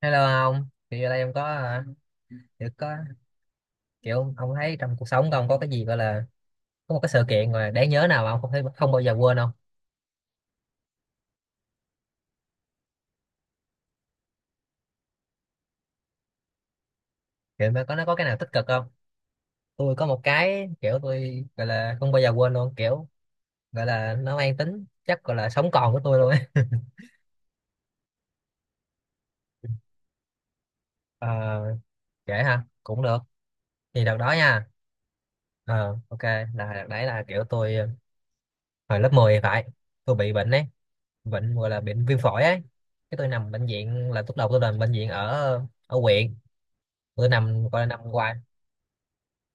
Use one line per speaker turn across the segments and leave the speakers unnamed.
Hello ông, thì ở đây ông có à, kiểu có kiểu ông thấy trong cuộc sống của ông có cái gì gọi là có một cái sự kiện mà đáng nhớ nào mà ông không thấy không bao giờ quên không? Kiểu mà có nó có cái nào tích cực không? Tôi có một cái kiểu tôi gọi là không bao giờ quên luôn, kiểu gọi là nó mang tính chắc gọi là sống còn của tôi luôn ấy. Ờ, kể ha, cũng được. Thì đợt đó nha. Ờ, ok, là đợt đấy là kiểu tôi hồi lớp 10 thì phải, tôi bị bệnh ấy, bệnh gọi là bệnh viêm phổi ấy. Cái tôi nằm bệnh viện là lúc đầu tôi nằm bệnh viện ở ở huyện bữa năm gọi là năm qua,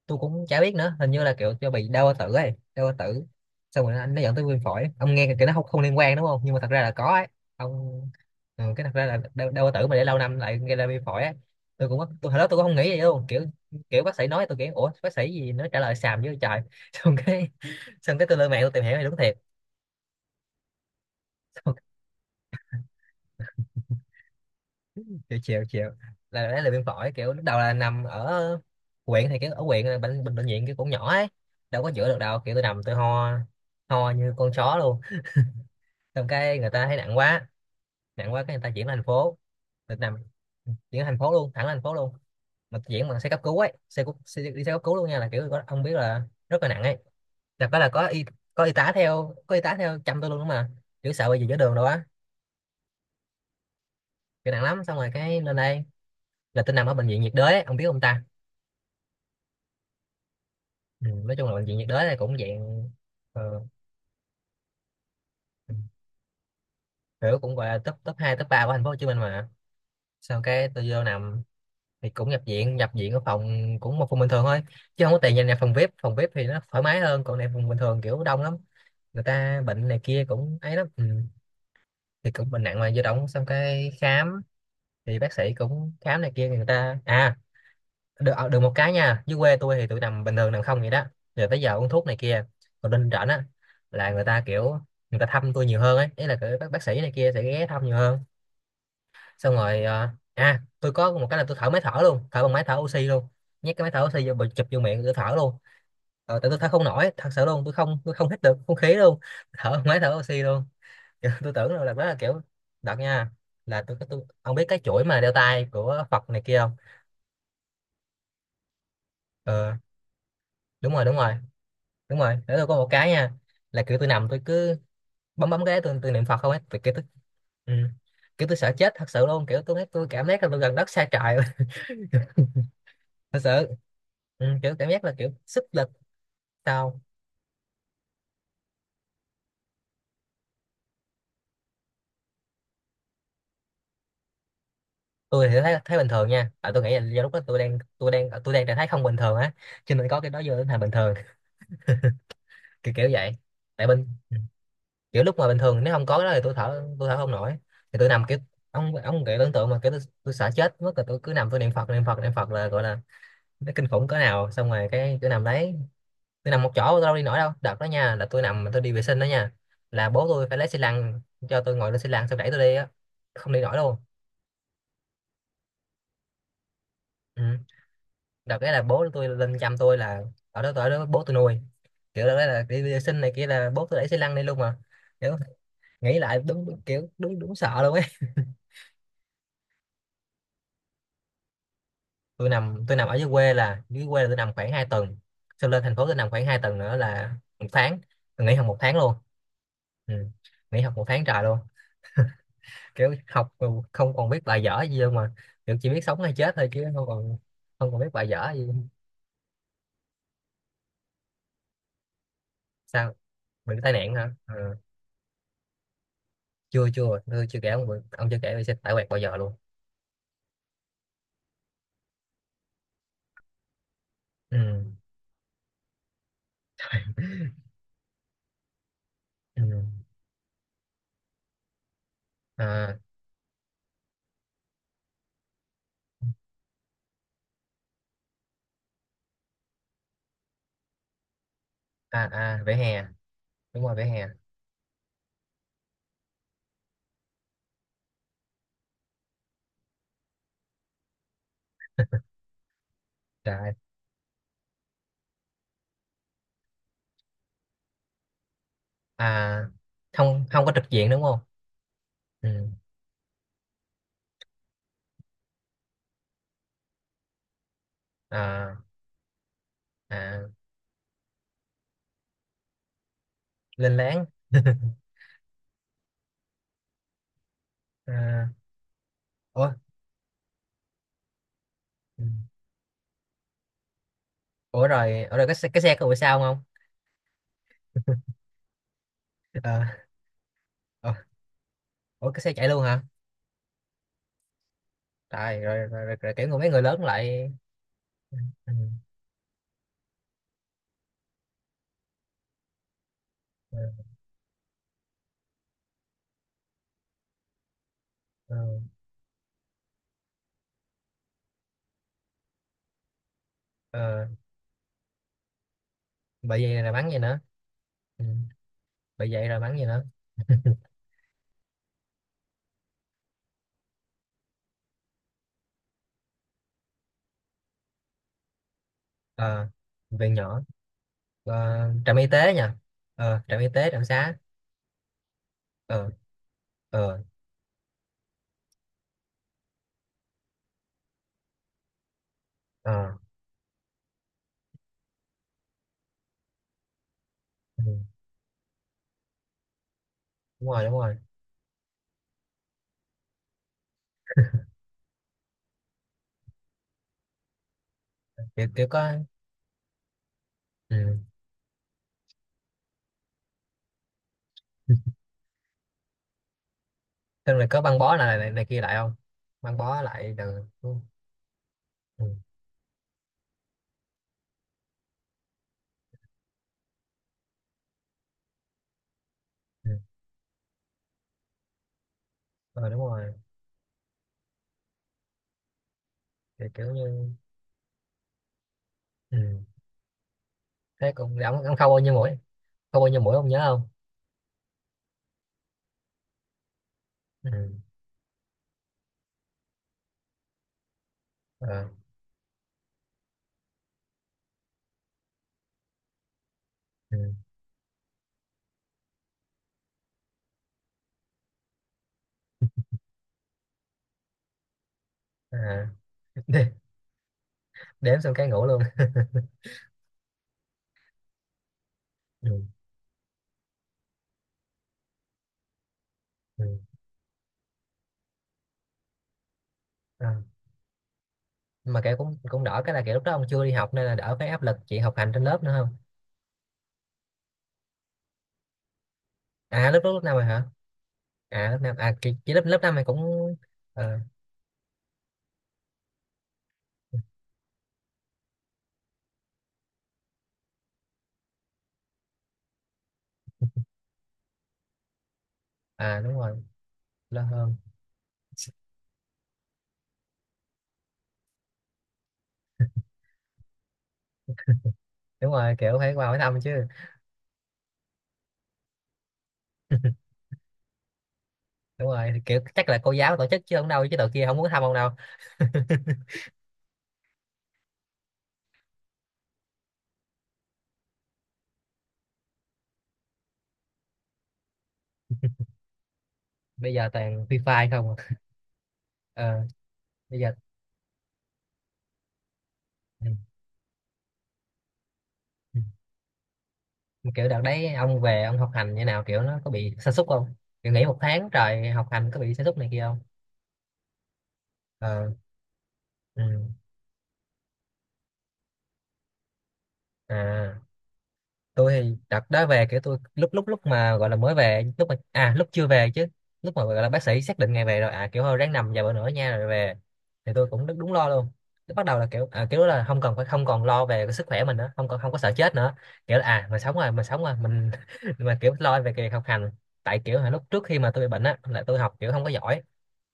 tôi cũng chả biết nữa, hình như là kiểu cho bị đau bao tử ấy, đau bao tử xong rồi anh nó dẫn tới viêm phổi. Ông nghe cái nó không không liên quan đúng không, nhưng mà thật ra là có ấy ông. Ừ, cái thật ra là đau, đau bao tử mà để lâu năm lại gây ra viêm phổi ấy. Tôi hồi đó tôi cũng không nghĩ vậy luôn, kiểu kiểu bác sĩ nói tôi, kiểu ủa bác sĩ gì nó trả lời xàm với trời. xong cái Xong cái tôi lên mạng tôi tìm hiểu thì đúng thiệt. Chiều chiều chiều là đấy là viêm phổi, kiểu lúc đầu là nằm ở huyện, thì cái ở huyện là bệnh bệnh bệnh viện kiểu cũng nhỏ ấy, đâu có chữa được đâu, kiểu tôi nằm tôi ho, ho như con chó luôn. Xong cái người ta thấy nặng quá, nặng quá cái người ta chuyển lên thành phố. Tôi nằm chuyển lên thành phố luôn, thẳng lên thành phố luôn, mà chuyển bằng xe cấp cứu ấy, xe đi xe cấp cứu luôn nha, là kiểu có, ông biết là rất là nặng ấy, là phải là có y, có y tá theo, có y tá theo chăm tôi luôn đúng mà, kiểu sợ bị gì giữa đường đâu á, kiểu nặng lắm. Xong rồi cái lên đây là tôi nằm ở bệnh viện nhiệt đới ấy. Ông biết không ta? Ừ, nói chung là bệnh viện nhiệt đới này cũng dạng ờ, kiểu cũng gọi là top, top 2 top 3 của thành phố Hồ Chí Minh mà. Sau cái tôi vô nằm thì cũng nhập viện, ở phòng, cũng một phòng bình thường thôi, chứ không có tiền nhìn nhập phòng VIP. Phòng VIP thì nó thoải mái hơn, còn này phòng bình thường kiểu đông lắm, người ta bệnh này kia cũng ấy lắm. Ừ, thì cũng bệnh nặng mà vô động xong cái khám, thì bác sĩ cũng khám này kia người ta, à được được một cái nha, dưới quê tôi thì tôi nằm bình thường nằm không vậy đó, rồi tới giờ uống thuốc này kia. Còn lên rảnh á là người ta kiểu, người ta thăm tôi nhiều hơn ấy, ý là kiểu bác sĩ này kia sẽ ghé thăm nhiều hơn. Xong rồi tôi có một cái là tôi thở máy thở luôn, thở bằng máy thở oxy luôn, nhét cái máy thở oxy vô bịch chụp vô miệng tôi thở luôn. Tại tôi thở không nổi thật sự luôn, tôi không hít được không khí luôn, thở bằng máy thở oxy luôn. Kiểu tôi tưởng là đó là kiểu đợt nha là tôi ông biết cái chuỗi mà đeo tay của Phật này kia không? Ờ, đúng rồi, đúng rồi, để tôi có một cái nha, là kiểu tôi nằm tôi cứ bấm bấm cái tôi niệm Phật không ấy, tôi kiểu tôi, ừ, kiểu tôi sợ chết thật sự luôn, kiểu tôi cảm giác là tôi gần đất xa trời luôn. Thật sự ừ, kiểu cảm giác là kiểu sức lực. Sao? Tôi thì thấy, thấy bình thường nha, à tôi nghĩ là do lúc đó tôi đang trạng thái không bình thường á, cho nên có cái đó vô đến thành bình thường. Kiểu, kiểu vậy. Tại bình, kiểu lúc mà bình thường nếu không có cái đó thì tôi thở không nổi. Thì tôi nằm kiểu ông kiểu tưởng tượng mà kiểu tôi sợ chết mất rồi, tôi cứ nằm tôi niệm Phật, là gọi là nó kinh khủng cỡ nào. Xong rồi cái tôi nằm đấy, tôi nằm một chỗ tôi đâu đi nổi đâu. Đợt đó nha là tôi nằm mà tôi đi vệ sinh đó nha, là bố tôi phải lấy xi lăng cho tôi ngồi lên xi lăng xong đẩy tôi đi á, không đi nổi luôn. Ừ, đợt đấy là bố tôi lên chăm tôi, là ở đó, bố tôi nuôi, kiểu đó là đi vệ sinh này kia là bố tôi đẩy xi lăng đi luôn mà, kiểu nghĩ lại đúng, đúng kiểu đúng, đúng sợ luôn ấy. Tôi nằm ở dưới quê, là dưới quê là tôi nằm khoảng 2 tuần, xong lên thành phố tôi nằm khoảng 2 tuần nữa là 1 tháng. Tôi nghỉ học 1 tháng luôn. Ừ, nghỉ học một tháng trời luôn, kiểu học mà không còn biết bài dở gì đâu mà, kiểu chỉ biết sống hay chết thôi, chứ không còn, không còn biết bài dở gì. Sao bị tai nạn hả? Ờ, chưa chưa tôi chưa kể ông bị- ông chưa kể tôi sẽ tải quẹt bao giờ luôn. Ừ, ừ. À à, à vỉa hè, đúng rồi vỉa hè. Trời ơi. À không, không có trực diện đúng không? Ừ. À à, lên láng. À, ủa, ừ. Ủa rồi ở rồi cái xe có bị sao không? Ờ, ờ, ủa cái xe chạy luôn hả? Trời, rồi, rồi, rồi, rồi kiểu người, mấy người lớn lại, ừ, ừ, ừ, ờ, bởi vậy là bắn gì nữa. Ừ, bởi vậy là bắn gì nữa. Ờ, viện nhỏ. Ờ, trạm y tế nha. Ờ, trạm y tế, trạm xá. Ờ, ờ, ờ, ừ. Đúng rồi, đúng rồi, kiểu, kiểu có, ừ. Xong rồi có băng bó này, này này kia lại không? Băng bó lại từ, ừ. Ừ. Ừ. Ờ, đúng rồi. Thì kiểu như, ừ. Thế cũng ông khâu bao nhiêu mũi? Khâu bao nhiêu mũi ông nhớ không? Ừ. Ờ. Ừ. À. Đếm xong cái ngủ luôn. Ừ. Ừ. Ờ. Mà kiểu cũng, cũng đỡ cái là kiểu lúc đó ông chưa đi học nên là đỡ cái áp lực chị học hành trên lớp nữa không? À lớp lúc, lúc năm rồi hả? À lớp năm à, chị lớp, lớp năm này cũng ờ, à đúng rồi, lớp hơn. Đúng rồi, kiểu phải qua hỏi thăm chứ. Đúng rồi, kiểu chắc là cô giáo tổ chức chứ không đâu, chứ tụi kia không muốn thăm ông đâu. Bây giờ toàn free fire không à. Ờ, bây giờ ừ, ừ. Kiểu đợt đấy ông về ông học hành như nào, kiểu nó có bị sa sút không? Kiểu nghỉ một tháng trời học hành có bị sa sút này kia không? Ờ, ừ. À tôi thì đợt đó về kiểu tôi lúc lúc lúc mà gọi là mới về, lúc mà à lúc chưa về chứ, lúc mà gọi là bác sĩ xác định ngày về rồi, à kiểu thôi ráng nằm vài bữa nữa nha rồi về, thì tôi cũng đúng, đúng lo luôn. Lúc bắt đầu là kiểu à, kiểu là không cần phải không còn lo về cái sức khỏe mình nữa, không còn không có sợ chết nữa, kiểu là à mình sống rồi mình mà kiểu lo về cái việc học hành. Tại kiểu hồi lúc trước khi mà tôi bị bệnh á là tôi học kiểu không có giỏi,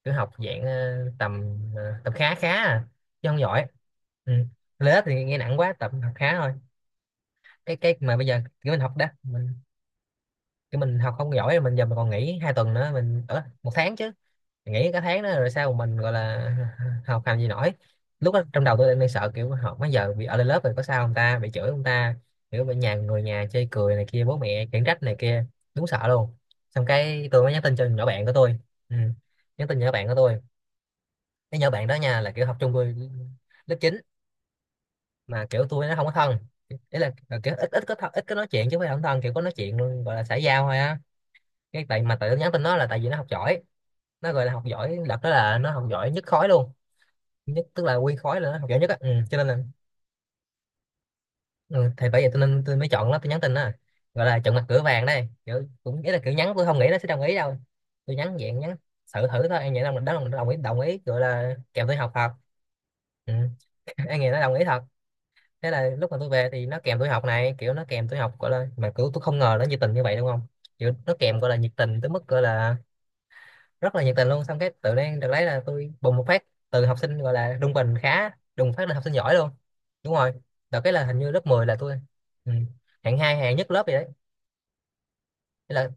kiểu học dạng tầm tầm khá, khá à, chứ không giỏi. Ừ, lớp thì nghe nặng quá tầm học khá thôi. Cái mà bây giờ kiểu mình học đó mình, kiểu mình học không giỏi, mình giờ mình còn nghỉ 2 tuần nữa mình ở 1 tháng chứ, nghỉ cả tháng đó rồi sao mà mình gọi là học làm gì nổi. Lúc đó trong đầu tôi đang sợ kiểu học mấy giờ bị ở lên lớp rồi có sao không ta, bị chửi không ta, kiểu bị người nhà chê cười này kia, bố mẹ khiển trách này kia, đúng sợ luôn. Xong cái tôi mới nhắn tin cho nhỏ bạn của tôi, ừ, nhắn tin nhỏ bạn của tôi. Cái nhỏ bạn đó nha là kiểu học chung tôi lớp 9, mà kiểu tôi nó không có thân, ý là kiểu ít ít có thân, ít có nói chuyện, chứ không phải không thân, kiểu có nói chuyện luôn gọi là xã giao thôi á. Cái tại mà tự nhắn tin nó là tại vì nó học giỏi, nó gọi là học giỏi lập, đó là nó học giỏi nhất khối luôn, nhất tức là nguyên khối là nó học giỏi nhất á, ừ, cho nên là ừ, thì bởi vậy tôi nên tôi mới chọn nó tôi nhắn tin á, gọi là chọn mặt cửa vàng đây, kiểu cũng ý là kiểu nhắn tôi không nghĩ nó sẽ đồng ý đâu. Tôi nhắn dạng nhắn thử thử thôi, em nghĩ là mình đó là mình đồng ý, đồng ý gọi là kèm tôi học thật. Ừ. Em nghĩ nó đồng ý thật. Thế là lúc mà tôi về thì nó kèm tuổi học này, kiểu nó kèm tuổi học gọi là, mà kiểu tôi không ngờ nó nhiệt tình như vậy đúng không, kiểu nó kèm gọi là nhiệt tình tới mức gọi là rất là nhiệt tình luôn. Xong cái tự nhiên được lấy là tôi bùng một phát, từ học sinh gọi là trung bình khá đùng phát lên học sinh giỏi luôn. Đúng rồi, đợt cái là hình như lớp 10 là tôi, ừ, hạng hai hạng nhất lớp vậy đấy. Thế là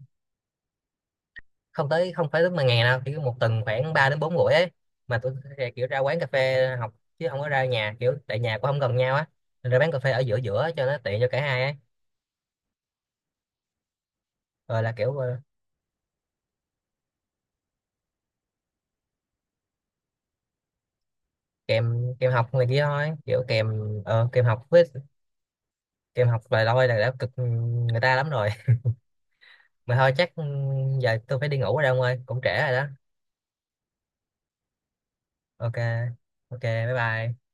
không tới, không phải tới mà ngày nào, kiểu một tuần khoảng 3 đến 4 buổi ấy, mà tôi sẽ kiểu ra quán cà phê học, chứ không có ra nhà, kiểu tại nhà cũng không gần nhau á. Nên ra quán cà phê ở giữa, giữa cho nó tiện cho cả hai ấy. Rồi là kiểu kèm kèm học này kia thôi, kiểu kèm ờ, kèm học với kèm học vài lôi là đã cực người ta lắm rồi. Mà thôi chắc ừ, giờ tôi phải đi ngủ rồi ông ơi, cũng trễ rồi đó. Ok. Ok, bye bye.